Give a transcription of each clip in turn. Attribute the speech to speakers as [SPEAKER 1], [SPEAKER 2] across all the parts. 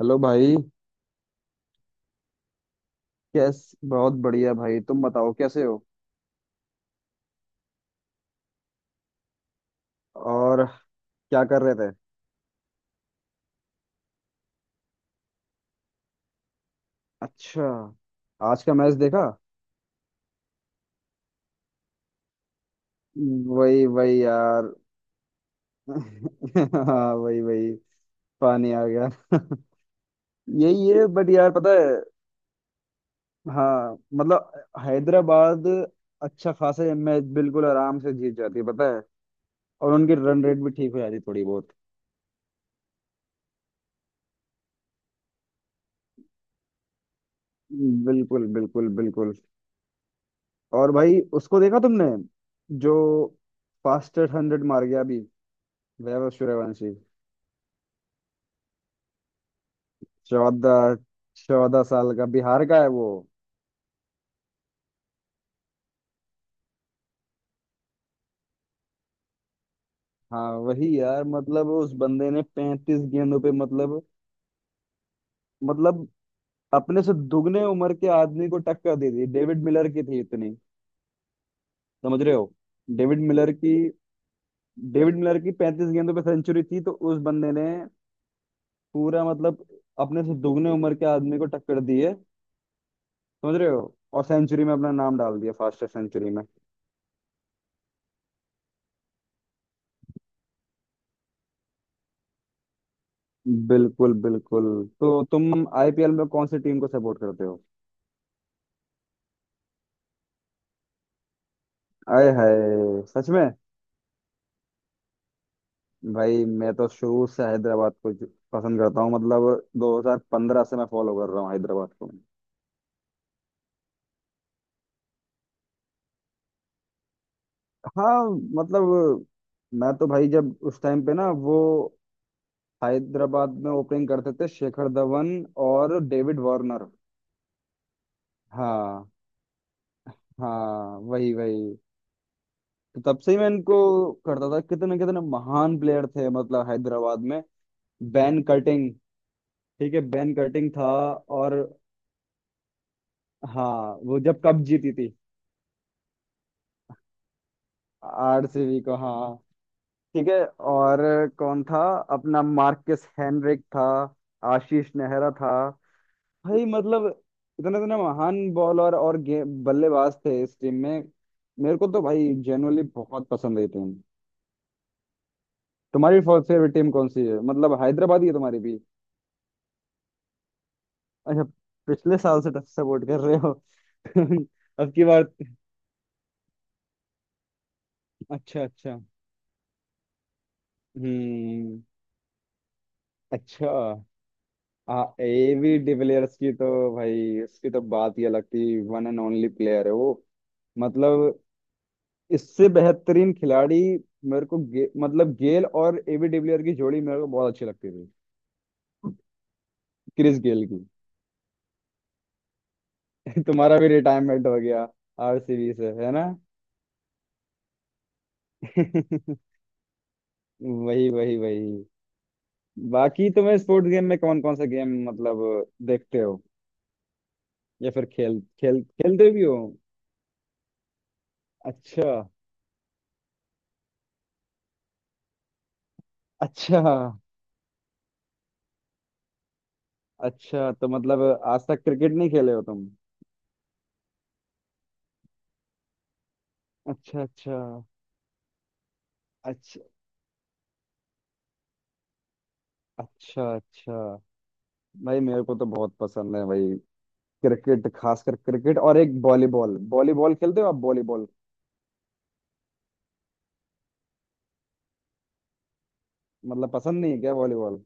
[SPEAKER 1] Hello भाई। कैस बहुत बढ़िया भाई, तुम बताओ कैसे हो। और क्या कर रहे थे। अच्छा। आज का मैच देखा। वही वही यार। हाँ, वही वही। पानी आ गया। यही है, बट यार पता है। हाँ, मतलब हैदराबाद अच्छा खासा मैच बिल्कुल आराम से जीत जाती है, पता है। और उनकी रन रेट भी ठीक हो जाती है, थोड़ी बहुत। बिल्कुल बिल्कुल बिल्कुल। और भाई, उसको देखा तुमने, जो फास्टेस्ट हंड्रेड मार गया अभी, वैभव सूर्यवंशी। चौदह चौदह साल का बिहार का है वो। हाँ, वही यार, मतलब उस बंदे ने 35 गेंदों पे मतलब अपने से दुगने उम्र के आदमी को टक्कर दे दी, डेविड मिलर की थी इतनी। समझ रहे हो। डेविड मिलर की। डेविड मिलर की 35 गेंदों पे सेंचुरी थी, तो उस बंदे ने पूरा, मतलब अपने से दुगने उम्र के आदमी को टक्कर दी है। समझ रहे हो। और सेंचुरी में अपना नाम डाल दिया, फास्टेस्ट सेंचुरी में। बिल्कुल बिल्कुल। तो तुम आईपीएल में कौन सी टीम को सपोर्ट करते हो। आए हाय, सच में। भाई मैं तो शुरू से हैदराबाद को पसंद करता हूँ, मतलब 2015 से मैं फॉलो कर रहा हूँ हैदराबाद को। हाँ, मतलब मैं तो भाई, जब उस टाइम पे ना वो हैदराबाद में ओपनिंग करते थे, शेखर धवन और डेविड वार्नर। हाँ। हाँ, वही वही। तो तब से ही मैं इनको करता था, कितने कितने महान प्लेयर थे मतलब हैदराबाद में। Ben Cutting. ठीक है, बैन कटिंग था। और हाँ, वो जब कप जीती थी, आरसीबी को। हाँ, ठीक है। और कौन था, अपना मार्कस हेनरिक था, आशीष नेहरा था। भाई मतलब इतने इतने महान बॉलर और बल्लेबाज थे इस टीम में। मेरे को तो भाई जेनुअनली बहुत पसंद आई टीम। तुम्हारी फेवरेट टीम कौन सी है, मतलब हैदराबाद ही है तुम्हारी भी। अच्छा। पिछले साल से सपोर्ट कर रहे हो। अब की बार। अच्छा अच्छा। हम्म। अच्छा। आ एवी डिविलियर्स की तो, भाई उसकी तो बात ही अलग थी, वन एंड ओनली प्लेयर है वो। मतलब इससे बेहतरीन खिलाड़ी, मेरे को मतलब गेल और एवी डिविलियर की जोड़ी मेरे को बहुत अच्छी लगती थी। क्रिस गेल की। तुम्हारा भी रिटायरमेंट हो गया। आरसीबी से है ना। वही वही वही। बाकी तुम्हें स्पोर्ट्स गेम में कौन कौन सा गेम मतलब देखते हो, या फिर खेल खेल खेलते भी हो। अच्छा अच्छा। अच्छा, तो मतलब आज तक क्रिकेट नहीं खेले हो तुम। अच्छा, अच्छा, अच्छा, अच्छा, अच्छा। भाई मेरे को तो बहुत पसंद है भाई, क्रिकेट खासकर क्रिकेट, और एक वॉलीबॉल, वॉलीबॉल खेलते हो आप वॉलीबॉल। मतलब पसंद नहीं है क्या वॉलीबॉल।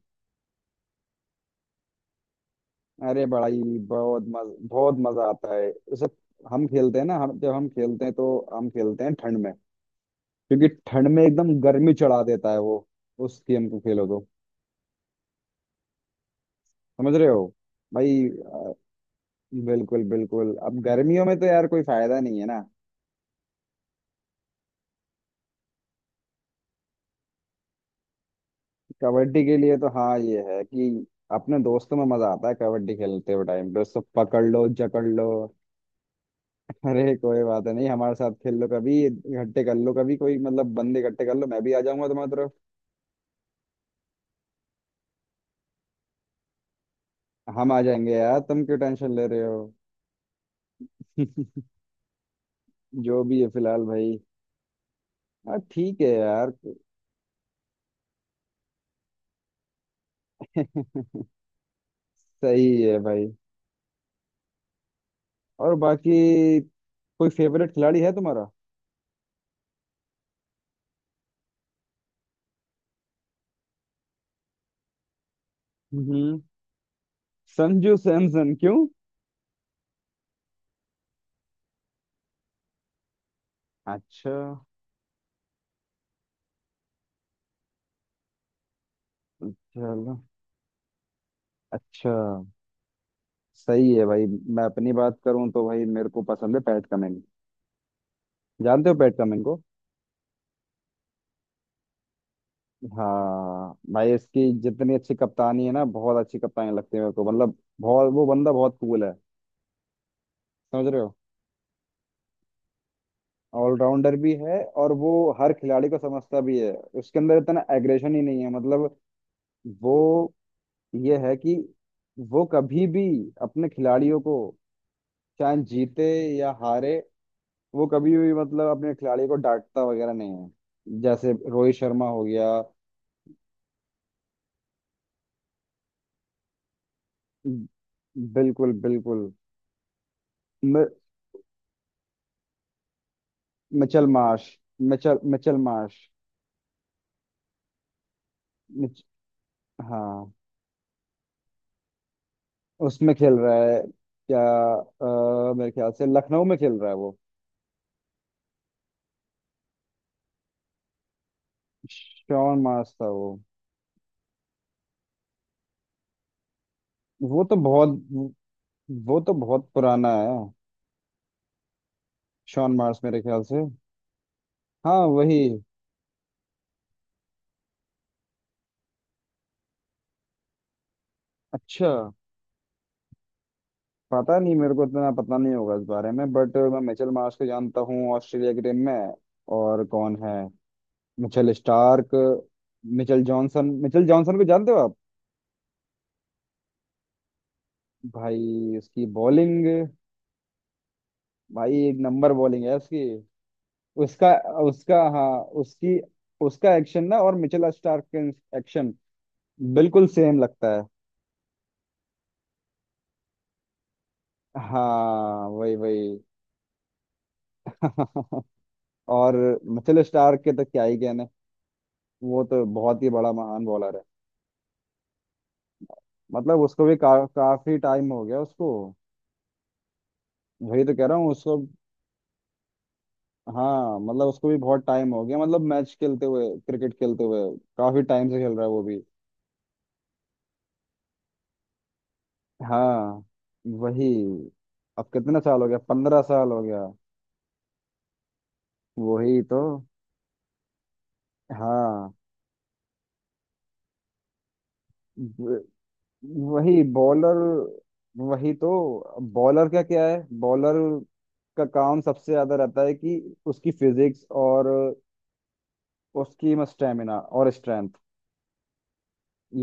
[SPEAKER 1] अरे बड़ाई बहुत मजा आता है उसे। हम खेलते हैं ना, हम जब हम खेलते हैं तो हम खेलते हैं ठंड में, क्योंकि ठंड में एकदम गर्मी चढ़ा देता है वो उस गेम को खेलो तो। समझ रहे हो भाई। बिल्कुल बिल्कुल, अब गर्मियों में तो यार कोई फायदा नहीं है ना। कबड्डी के लिए तो हाँ, ये है कि अपने दोस्तों में मजा आता है, कबड्डी खेलते हुए टाइम पे उसको पकड़ लो, जकड़ लो। अरे कोई बात नहीं, हमारे साथ खेल लो कभी, इकट्ठे कर लो कभी कोई, मतलब बंदे इकट्ठे कर लो, मैं भी आ जाऊंगा तुम्हारी तरफ। हम आ जाएंगे यार, तुम क्यों टेंशन ले रहे हो। जो भी है फिलहाल भाई। हाँ ठीक है यार। सही है भाई। और बाकी कोई फेवरेट खिलाड़ी है तुम्हारा। हम्म। संजू सैमसन क्यों। अच्छा। चलो। अच्छा। सही है भाई। मैं अपनी बात करूं तो भाई मेरे को पसंद है पैट कमिंस। जानते हो पैट कमिंस को। हाँ भाई, इसकी जितनी अच्छी कप्तानी है ना, बहुत अच्छी कप्तानी लगती है मेरे को, मतलब बहुत वो बंदा बहुत कूल है। समझ रहे हो। ऑलराउंडर भी है, और वो हर खिलाड़ी को समझता भी है। उसके अंदर इतना एग्रेशन ही नहीं है, मतलब वो ये है कि वो कभी भी अपने खिलाड़ियों को, चाहे जीते या हारे, वो कभी भी मतलब अपने खिलाड़ी को डांटता वगैरह नहीं है, जैसे रोहित शर्मा हो गया। बिल्कुल बिल्कुल। मि- Mitchell Marsh. Mitchell Mitchell Marsh. Mitch, हाँ। उसमें खेल रहा है क्या। मेरे ख्याल से लखनऊ में खेल रहा है वो। शॉन मार्श था वो। वो तो बहुत वो तो बहुत पुराना है, शॉन मार्श मेरे ख्याल से। हाँ वही। अच्छा। पता नहीं, मेरे को इतना पता नहीं होगा इस बारे में, बट मैं मिचेल मार्श को जानता हूँ, ऑस्ट्रेलिया की टीम में है। और कौन है, Mitchell Starc, Mitchell Johnson, Mitchell Johnson को जानते हो आप। भाई उसकी बॉलिंग, भाई एक नंबर बॉलिंग है उसकी। उसका उसका हाँ, उसकी उसका एक्शन ना, और मिचेल स्टार्क का एक्शन बिल्कुल सेम लगता है। हाँ वही वही। और मिचेल स्टार्क के तो क्या ही कहने, वो तो बहुत ही बड़ा महान बॉलर है, मतलब उसको भी काफी टाइम हो गया उसको। वही तो कह रहा हूँ उसको। हाँ, मतलब उसको भी बहुत टाइम हो गया, मतलब मैच खेलते हुए क्रिकेट खेलते हुए, काफी टाइम से खेल रहा है वो भी। हाँ वही। अब कितना साल हो गया, 15 साल हो गया। वही तो। हाँ व- वही बॉलर। वही तो। बॉलर का क्या है, बॉलर का काम सबसे ज्यादा रहता है कि उसकी फिजिक्स और उसकी स्टेमिना और स्ट्रेंथ,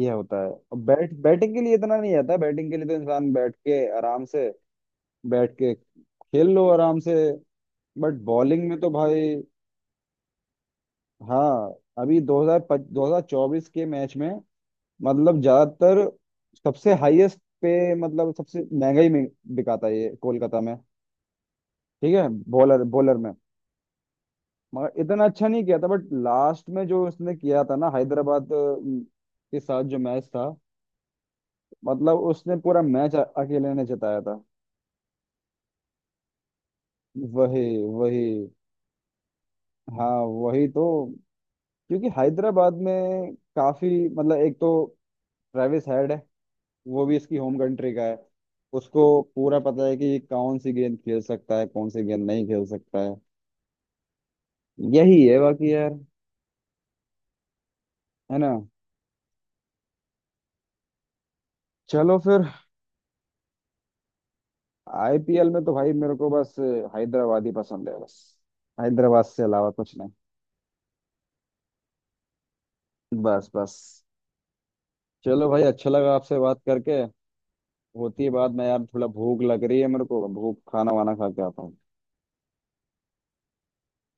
[SPEAKER 1] ये होता है, अब बैट बैटिंग के लिए इतना नहीं आता, बैटिंग के लिए तो इंसान बैठ के आराम से बैठ के खेल लो आराम से, बट बॉलिंग में तो भाई। हाँ, अभी 2000 2024 के मैच में, मतलब ज्यादातर सबसे हाईएस्ट पे, मतलब सबसे महंगा ही बिका था ये कोलकाता में। ठीक है। बॉलर बॉलर में मगर इतना अच्छा नहीं किया था, बट लास्ट में जो उसने किया था ना, हैदराबाद के साथ जो मैच था, मतलब उसने पूरा मैच अकेले ने जिताया था। वही वही, हाँ वही तो। क्योंकि हैदराबाद में काफी मतलब, एक तो ट्रेविस हेड है, वो भी इसकी होम कंट्री का है, उसको पूरा पता है कि ये कौन सी गेंद खेल सकता है, कौन सी गेंद नहीं खेल सकता है। यही है बाकी यार, है ना। चलो फिर। आईपीएल में तो भाई मेरे को बस हैदराबाद ही पसंद है, बस हैदराबाद से अलावा कुछ नहीं, बस बस। चलो भाई, अच्छा लगा आपसे बात करके। होती है बात, मैं यार थोड़ा भूख लग रही है मेरे को, भूख, खाना वाना खा के आता हूँ।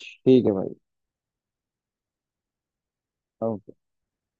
[SPEAKER 1] ठीक है भाई। अब।